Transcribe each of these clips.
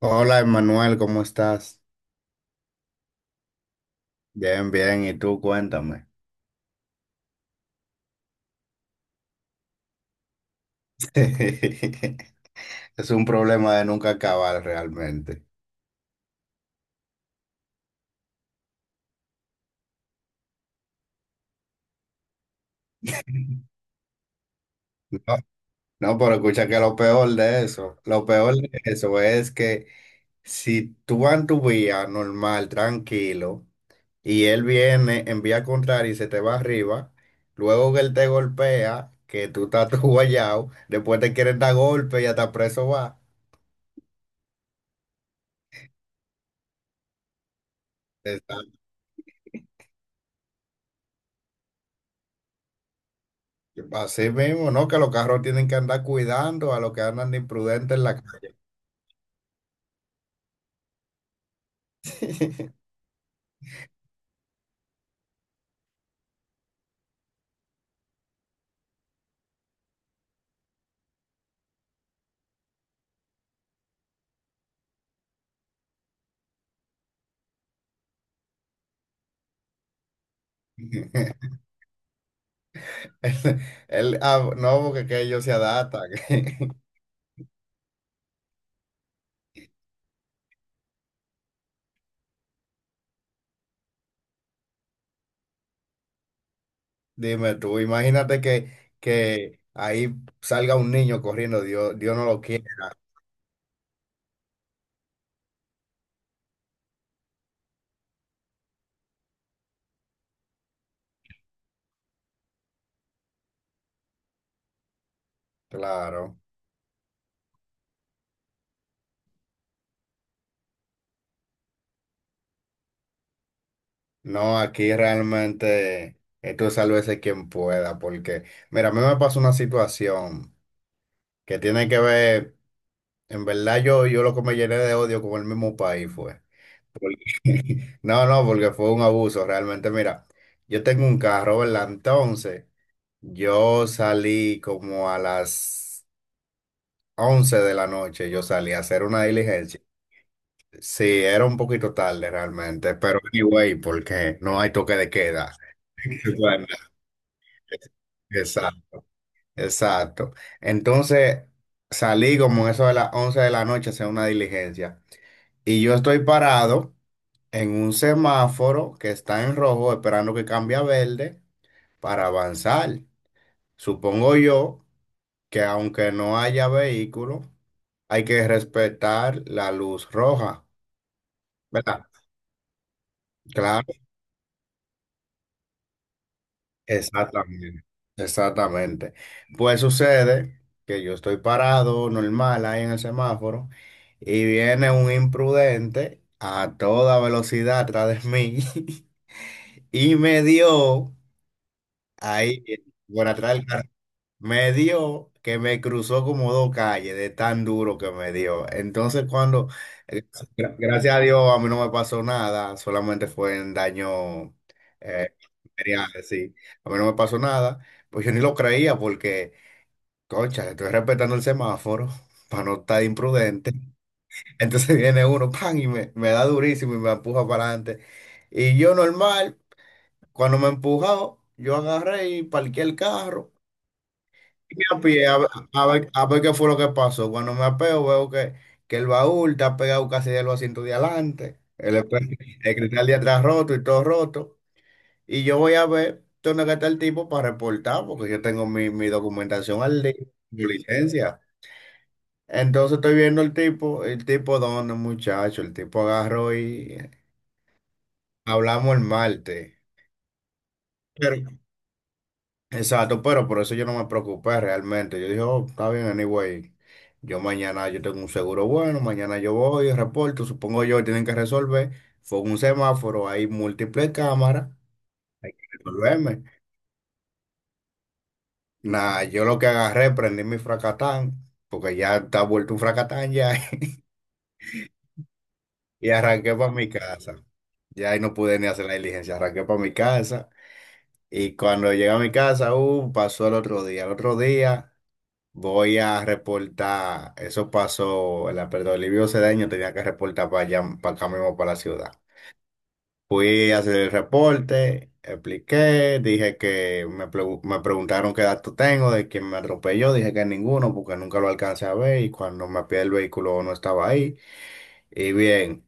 Hola, Emanuel, ¿cómo estás? Bien, bien, ¿y tú? Cuéntame. Es un problema de nunca acabar realmente. No, no, pero escucha que lo peor de eso es que si tú vas en tu vía normal, tranquilo, y él viene en vía contraria y se te va arriba, luego que él te golpea, que tú estás tú guayao, después te quieren dar golpe y hasta preso va. Así mismo, ¿no? Que los carros tienen que andar cuidando a los que andan de imprudentes en la calle. El- no, porque que ellos se adaptan. Dime tú, imagínate que ahí salga un niño corriendo, Dios, Dios no lo quiere. Claro. No, aquí realmente esto es sálvese quien pueda, porque mira, a mí me pasó una situación que tiene que ver, en verdad yo lo que me llené de odio con el mismo país fue. No, no, porque fue un abuso, realmente. Mira, yo tengo un carro, ¿verdad? Entonces, yo salí como a las 11 de la noche, yo salí a hacer una diligencia. Sí, era un poquito tarde realmente, pero anyway, porque no hay toque de queda. Bueno, exacto, exacto. Entonces, salí como eso de las 11 de la noche a hacer una diligencia. Y yo estoy parado en un semáforo que está en rojo, esperando que cambie a verde, para avanzar. Supongo yo que aunque no haya vehículo, hay que respetar la luz roja, ¿verdad? Claro, exactamente, exactamente. Pues sucede que yo estoy parado normal ahí en el semáforo y viene un imprudente a toda velocidad atrás de mí y me dio ahí, por atrás. Del. Me dio que me cruzó como dos calles de tan duro que me dio. Entonces cuando, eh, gracias a Dios, a mí no me pasó nada, solamente fue en daño, eh, material, sí. A mí no me pasó nada, pues yo ni lo creía porque, concha, estoy respetando el semáforo para no estar imprudente. Entonces viene uno, pan, y me da durísimo y me empuja para adelante. Y yo normal, cuando me empujó, yo agarré y parqué el carro. Y me apié a ver, a ver qué fue lo que pasó. Cuando me apeo, veo que el baúl está pegado casi de los asientos de adelante, el cristal de atrás roto y todo roto. Y yo voy a ver dónde que está el tipo para reportar, porque yo tengo mi documentación al día, mi licencia. Entonces estoy viendo el tipo dónde, muchacho, el tipo agarró y hablamos el martes. Exacto, pero por eso yo no me preocupé realmente. Yo dije, oh, está bien, anyway. Yo mañana yo tengo un seguro bueno, mañana yo voy, reporto, supongo yo, tienen que resolver. Fue un semáforo, hay múltiples cámaras, resolverme. Nada, yo lo que agarré, prendí mi fracatán, porque ya está vuelto un fracatán ya, y arranqué para mi casa. Ya ahí no pude ni hacer la diligencia, arranqué para mi casa. Y cuando llegué a mi casa, pasó el otro día. El otro día. Voy a reportar, eso pasó, en la perdón, Livio Cedeño tenía que reportar para allá, para acá mismo, para la ciudad. Fui a hacer el reporte, expliqué, dije que me, me preguntaron qué dato tengo de quién me atropelló, dije que ninguno porque nunca lo alcancé a ver y cuando me pide el vehículo no estaba ahí. Y bien.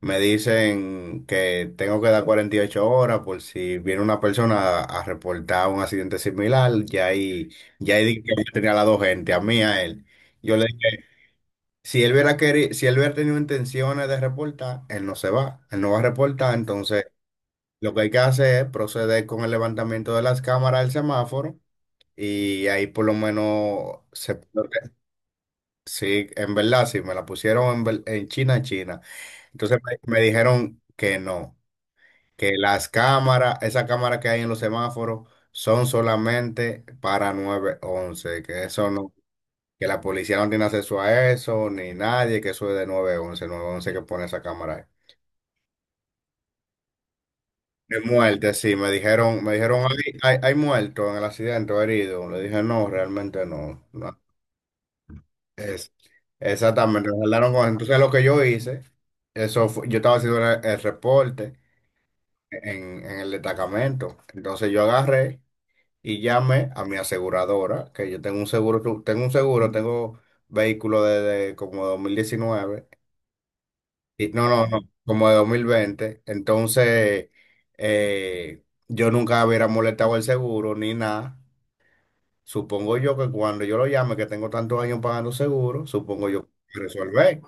Me dicen que tengo que dar 48 horas por si viene una persona a reportar un accidente similar. Ya ahí dije que yo tenía a las dos gente, a mí y a él. Yo le dije, si él hubiera querido, si él hubiera tenido intenciones de reportar, él no se va, él no va a reportar. Entonces, lo que hay que hacer es proceder con el levantamiento de las cámaras del semáforo y ahí por lo menos se... Sí, en verdad, sí, me la pusieron en, en China, China. Entonces me dijeron que no, que las cámaras, esas cámaras que hay en los semáforos, son solamente para 911, que eso no, que la policía no tiene acceso a eso, ni nadie, que eso es de nueve once que pone esa cámara ahí. De muerte, sí, me dijeron, hay muerto en el accidente o herido. Le dije, no, realmente no. No. Es, exactamente, entonces lo que yo hice, yo estaba haciendo el reporte en el destacamento. Entonces yo agarré y llamé a mi aseguradora, que yo tengo un seguro, tengo vehículo desde como 2019 y, no, no, no, como de 2020. Entonces, eh, yo nunca hubiera molestado el seguro ni nada. Supongo yo que cuando yo lo llame, que tengo tantos años pagando seguro, supongo yo que resolver.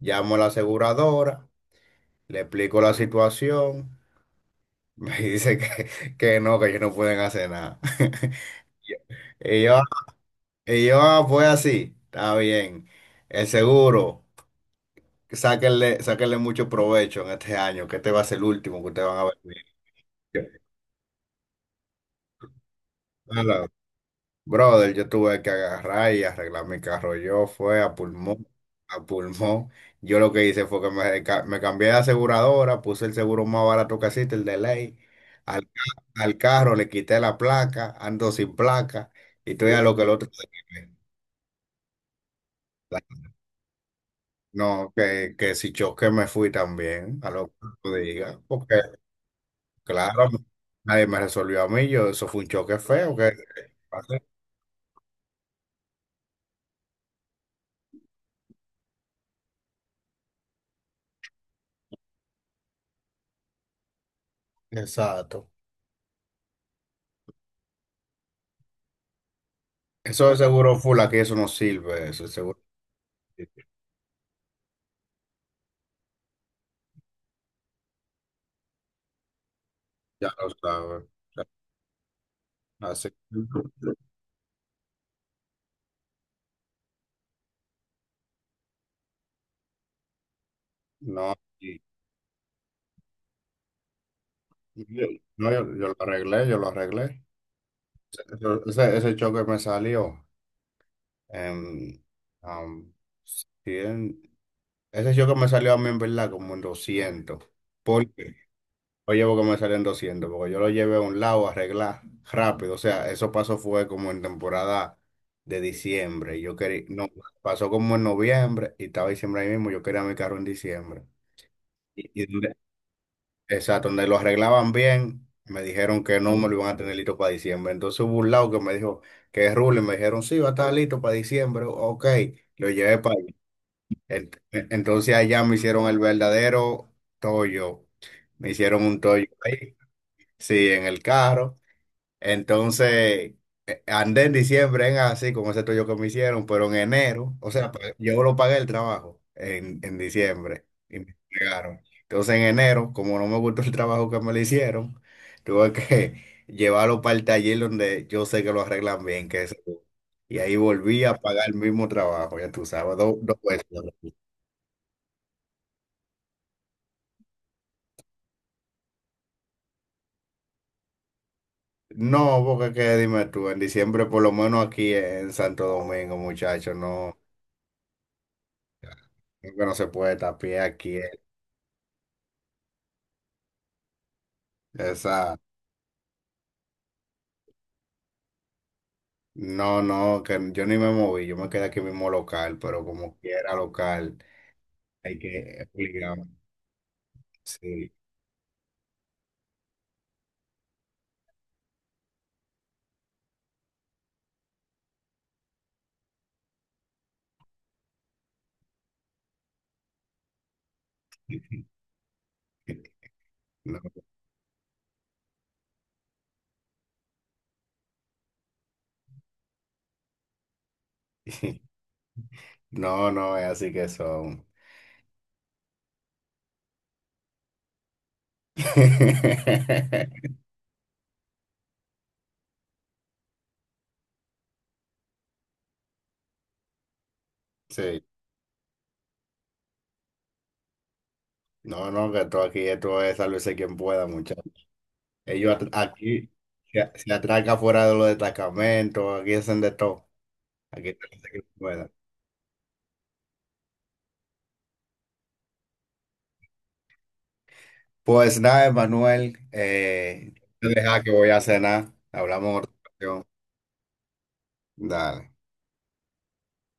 Llamo a la aseguradora, le explico la situación, me dice que no, que ellos no pueden hacer nada. Y yo, y yo, ah, pues así, está bien. El seguro, sáquenle, sáquenle mucho provecho en este año, que este va a ser el último que ustedes van a ver. Yo, brother, yo tuve que agarrar y arreglar mi carro. Yo fue a pulmón, a pulmón. Yo lo que hice fue que me cambié de aseguradora, puse el seguro más barato que existe, el de ley. Al, ca- Al carro le quité la placa, ando sin placa, y estoy a lo que el otro se quede. No, que si choque me fui también, a lo que tú digas, porque claro, nadie me resolvió a mí, yo, eso fue un choque feo, que exacto. Eso de seguro full aquí, eso no sirve, eso de seguro, ya lo sabes. Así, no, y- y no, yo lo arreglé, yo lo arreglé. Ese, ese choque me salió, en, am, 100, ese choque me salió a mí en verdad como en 200, porque oye, porque me salen 200 porque yo lo llevé a un lado a arreglar rápido. O sea, eso pasó fue como en temporada de diciembre. Yo quería, no, pasó como en noviembre y estaba diciembre ahí mismo. Yo quería mi carro en diciembre. Y, y donde- exacto, donde lo arreglaban bien, me dijeron que no me lo iban a tener listo para diciembre. Entonces hubo un lado que me dijo que es ruling, me dijeron sí, va a estar listo para diciembre. Ok, lo llevé para allá. Ent- Entonces allá me hicieron el verdadero tollo. Me hicieron un tollo ahí. Sí, en el carro. Entonces, andé en diciembre en así, con ese tuyo que me hicieron, pero en enero, o sea, ah, yo lo pagué el trabajo en diciembre y me entregaron. Entonces, en enero, como no me gustó el trabajo que me le hicieron, tuve que llevarlo para el taller donde yo sé que lo arreglan bien, que es... Y ahí volví a pagar el mismo trabajo, ya tú sabes, dos veces. No, porque qué, dime tú, en diciembre, por lo menos aquí en Santo Domingo, muchachos, no. Creo que no se puede estar a pie aquí. Esa, no, no, que yo ni me moví, yo me quedé aquí mismo local, pero como quiera local, hay que obligarme. Sí. No, no, no, es así que son. Sí, no, no, que esto aquí, esto es sálvese quien pueda, muchachos. Aquí se atraca fuera de los destacamentos, aquí hacen de todo. Aquí sálvese quien pueda. Pues nada, Emanuel, no te deja que voy a cenar. Hablamos en otra ocasión. Dale.